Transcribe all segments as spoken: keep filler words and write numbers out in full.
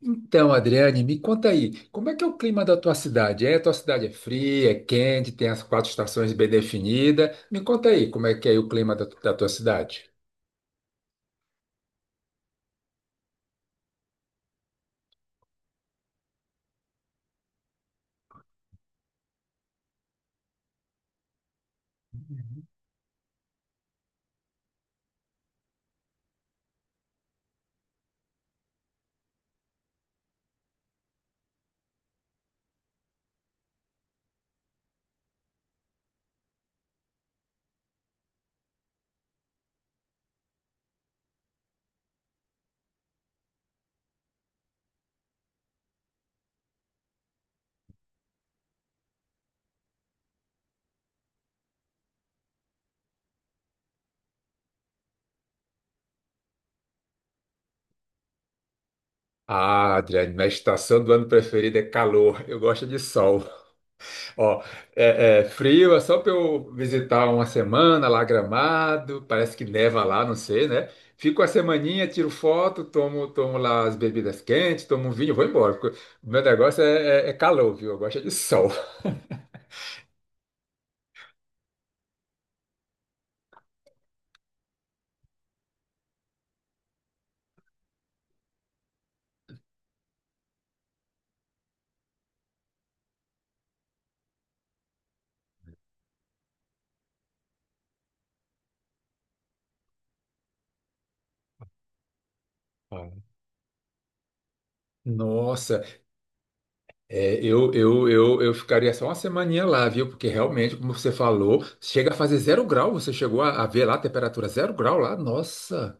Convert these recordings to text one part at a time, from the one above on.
Então, Adriane, me conta aí, como é que é o clima da tua cidade? É, a tua cidade é fria, é quente, tem as quatro estações bem definidas. Me conta aí, como é que é o clima da, tu- da tua cidade? Ah, Adriane, minha estação do ano preferida é calor. Eu gosto de sol. Ó, é, é frio, é só para eu visitar uma semana lá Gramado. Parece que neva lá, não sei, né? Fico a semaninha, tiro foto, tomo, tomo lá as bebidas quentes, tomo um vinho, vou embora, porque o Meu negócio é, é- é calor, viu? Eu gosto de sol. Ah, nossa, é, eu, eu, eu, eu ficaria só uma semaninha lá, viu? Porque realmente, como você falou, chega a fazer zero grau. Você chegou a, a ver lá a temperatura zero grau lá? Nossa.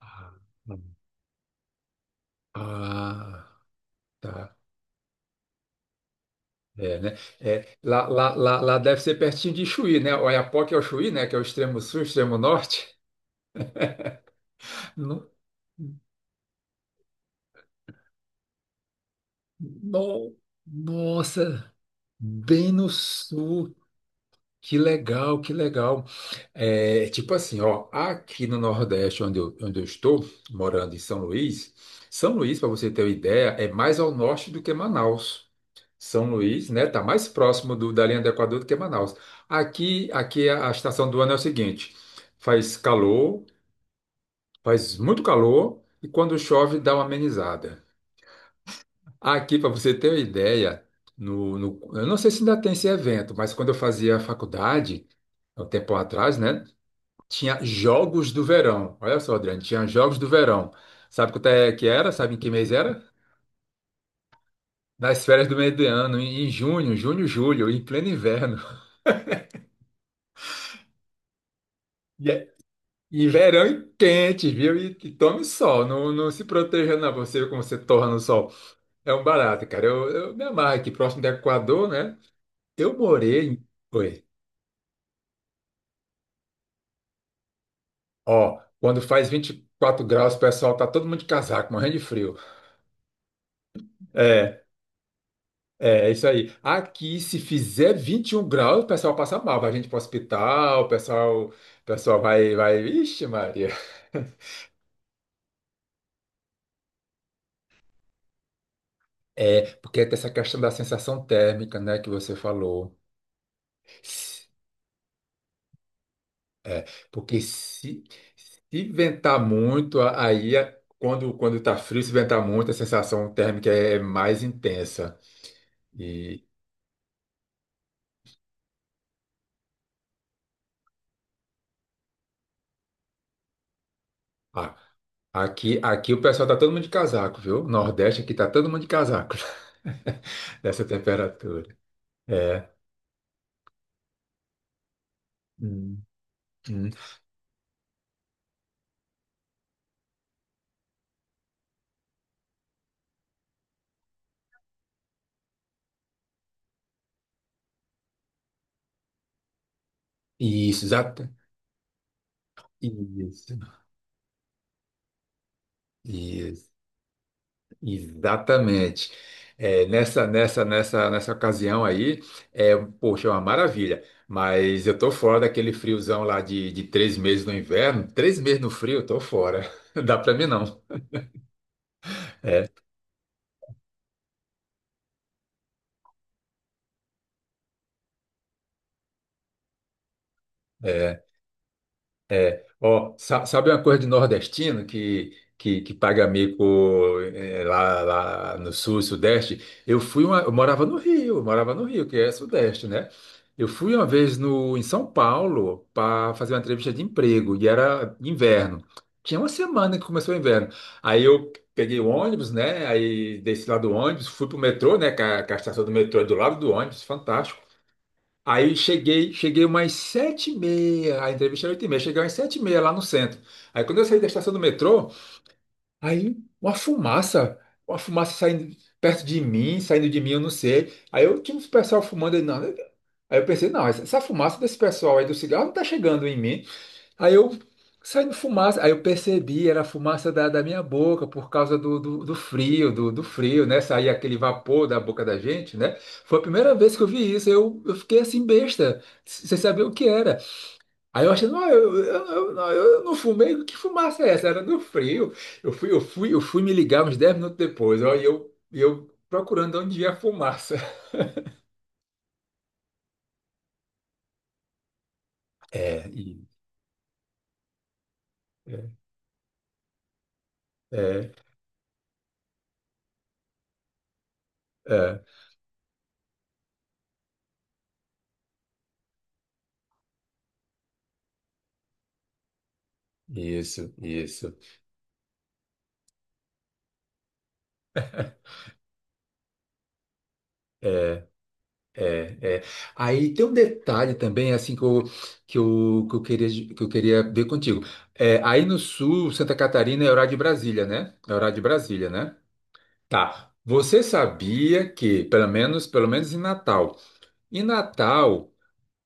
Ah, hum. Ah, tá. É, né? É, lá, lá, lá, lá deve ser pertinho de Chuí, né? Oiapoque é o Chuí, né? Que é o extremo sul, extremo norte. No, no- Nossa, bem no sul. Que legal, que legal. É, tipo assim, ó, aqui no Nordeste, onde eu, onde eu estou, morando em São Luís. São Luís, para você ter uma ideia, é mais ao norte do que Manaus. São Luís, né, tá mais próximo do- da linha do Equador do que Manaus. Aqui, aqui a, a estação do ano é o seguinte: faz calor, faz muito calor, e quando chove dá uma amenizada. Aqui, para você ter uma ideia, no, no- eu não sei se ainda tem esse evento, mas quando eu fazia faculdade, há um tempo atrás, né? Tinha Jogos do Verão. Olha só, Adriano, tinha Jogos do Verão. Sabe quanto é que era? Sabe em que mês era? Nas férias do meio do ano, em em junho, junho, julho, em pleno inverno. E, é- e verão e quente, viu? E, e tome sol, não, não se proteja não, você como você torra no sol. É um barato, cara. Eu, eu me amarro aqui, próximo do Equador, né? Eu morei em... Oi. Ó, quando faz vinte e quatro graus, o pessoal tá todo mundo de casaco, morrendo de frio. É, É, é isso aí. Aqui, se fizer vinte e um graus, o pessoal passa mal. Vai gente para o hospital, o pessoal, o pessoal vai, vai. Ixi, Maria. É, porque tem essa questão da sensação térmica, né, que você falou. S- É, porque se, se ventar muito, a- aí a- quando, quando tá frio, se ventar muito, a sensação térmica é é mais intensa. E ah, Aqui, aqui o pessoal tá todo mundo de casaco, viu? Nordeste aqui tá todo mundo de casaco dessa temperatura. É. Hum, hum. Isso, exata, isso, isso, exatamente. É, nessa, nessa, nessa, nessa ocasião aí, é, poxa, é uma maravilha. Mas eu tô fora daquele friozão lá de, de três meses no inverno. Três meses no frio, eu tô fora. Dá pra mim não. É, é. Ó, sa- sabe uma coisa de nordestino que, que, que paga mico, eh, lá, lá no sul e sudeste? Eu fui uma, eu morava no Rio, eu morava no Rio, que é sudeste, né? Eu fui uma vez no, em São Paulo para fazer uma entrevista de emprego e era inverno. Tinha uma semana que começou o inverno. Aí eu peguei o ônibus, né? Aí desci lá do ônibus, fui pro metrô, né? Que a, que a estação do metrô é do lado do ônibus, fantástico. Aí cheguei, cheguei umas sete e meia, a entrevista era oito e meia, cheguei umas sete e meia lá no centro. Aí quando eu saí da estação do metrô, aí uma fumaça, uma fumaça saindo perto de mim, saindo de mim, eu não sei. Aí eu tinha uns pessoal fumando, aí, não, né? Aí eu pensei, não, essa essa fumaça desse pessoal aí do cigarro não tá chegando em mim. Aí eu Saindo fumaça, aí eu percebi, era a fumaça da, da minha boca por causa do, do, do frio, do, do frio, né? Saía aquele vapor da boca da gente, né? Foi a primeira vez que eu vi isso, eu, eu fiquei assim besta, sem saber o que era. Aí eu achei, não, eu, eu, eu, não, eu não fumei, que fumaça é essa? Era do frio. Eu fui, eu fui, eu fui me ligar uns dez minutos depois, ó, e eu, e eu procurando onde ia a fumaça. É, e- é, é, é, isso, isso, é, é, é. Aí tem um detalhe também, assim, que eu, que eu, que eu queria, que eu queria ver contigo. É, aí no sul, Santa Catarina é horário de Brasília, né? É horário de Brasília, né? Tá. Você sabia que, pelo menos, pelo menos em Natal, em Natal,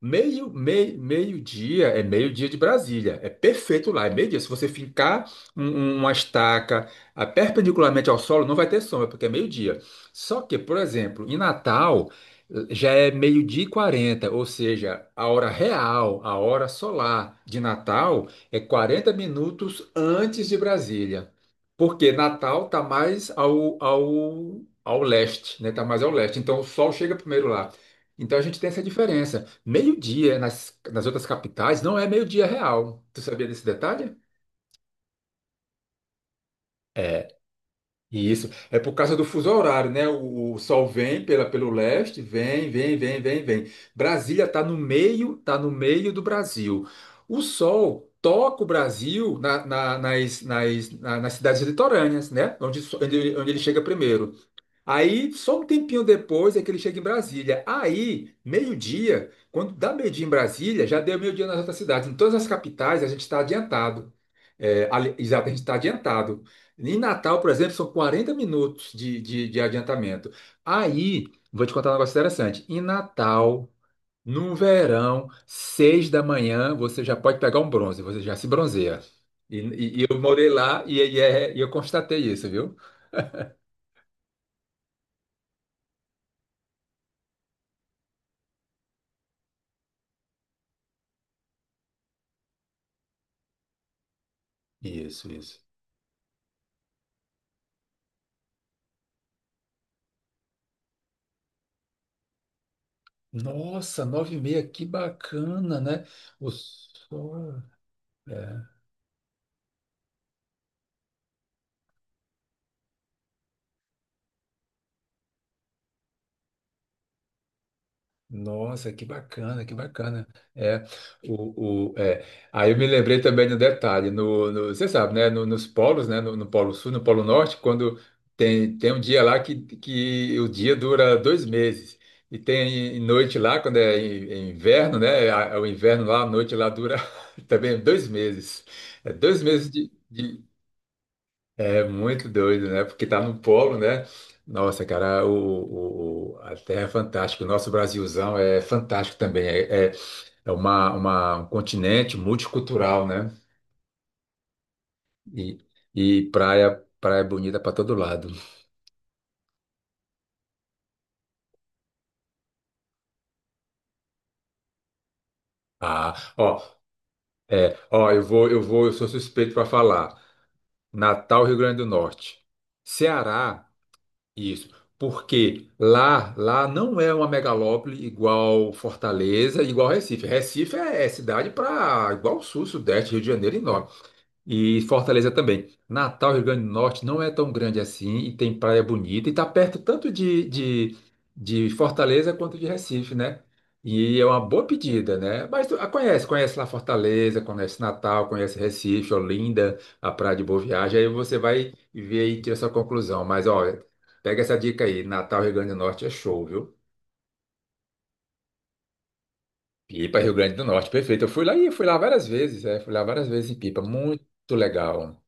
Meio, meio, meio-dia é meio-dia de Brasília. É perfeito lá, é meio-dia. Se você fincar um- um- uma estaca, ah, perpendicularmente ao solo, não vai ter sombra, porque é meio-dia. Só que, por exemplo, em Natal, eh, já é meio-dia e quarenta, ou seja, a hora real, a hora solar de Natal é quarenta minutos antes de Brasília. Porque Natal está mais ao, ao, ao leste, né? Está mais ao leste. Então o sol chega primeiro lá. Então a gente tem essa diferença. Meio-dia nas, nas outras capitais não é meio-dia real. Tu sabia desse detalhe? Isso. É por causa do fuso horário, né? O, o sol vem pela, pelo leste, vem, vem, vem, vem, vem. Brasília tá no meio, tá no meio do Brasil. O sol toca o Brasil na- na- nas, nas, na- nas cidades litorâneas, né? Onde, so- onde, onde ele chega primeiro. Aí, só um tempinho depois é que ele chega em Brasília. Aí, meio-dia, quando dá meio-dia em Brasília, já deu meio-dia nas outras cidades. Em todas as capitais, a gente está adiantado. É, ali- exato, a gente está adiantado. Em Natal, por exemplo, são quarenta minutos de, de, de adiantamento. Aí, vou te contar um negócio interessante. Em Natal, no verão, seis da manhã, você já pode pegar um bronze, você já se bronzeia. E, e- e eu morei lá e, e é- e eu constatei isso, viu? Isso, isso. Nossa, nove e meia, que bacana, né? O sol, é. Nossa, que bacana, que bacana. É, o, o, é. Aí eu me lembrei também de um detalhe, no, no- você sabe, né? No- nos polos, né? No, no Polo Sul, no Polo Norte, quando tem, tem um dia lá que, que o dia dura dois meses. E tem noite lá, quando é in- é inverno, né? a- O inverno lá, a noite lá dura também dois meses. É dois meses de, de- É muito doido, né? Porque tá no polo, né? Nossa, cara, o, o- o- a Terra é fantástica. O nosso Brasilzão é fantástico também. É, é, é uma, uma- um continente multicultural, né? E, e praia, praia bonita para todo lado. Ah, ó, é, ó, eu vou, eu vou, eu sou suspeito para falar. Natal, Rio Grande do Norte. Ceará. Isso, porque lá, lá não é uma megalópole igual Fortaleza, igual Recife. Recife é, é cidade para igual Sul, Sudeste, Rio de Janeiro e Norte. E Fortaleza também. Natal, Rio Grande do Norte, não é tão grande assim e tem praia bonita e está perto tanto de, de, de Fortaleza quanto de Recife, né? E é uma boa pedida, né? Mas tu, ah, conhece, conhece lá Fortaleza, conhece Natal, conhece Recife, Olinda, a Praia de Boa Viagem, aí você vai ver aí tira sua conclusão. Mas olha, pega essa dica aí, Natal, Rio Grande do Norte é show, viu? Pipa, Rio Grande do Norte, perfeito. Eu fui lá e Fui lá várias vezes, é, fui lá várias vezes em Pipa, muito legal,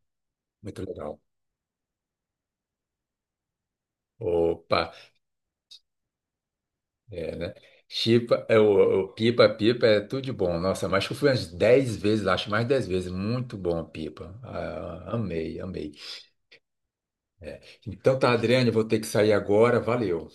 muito legal. Opa. É, né? Chipa, é, o, o pipa, pipa é tudo de bom. Nossa, mas que eu fui umas dez vezes, lá, acho mais dez vezes. Muito bom, pipa. Ah, amei, amei. É. Então tá, Adriane, eu vou ter que sair agora. Valeu.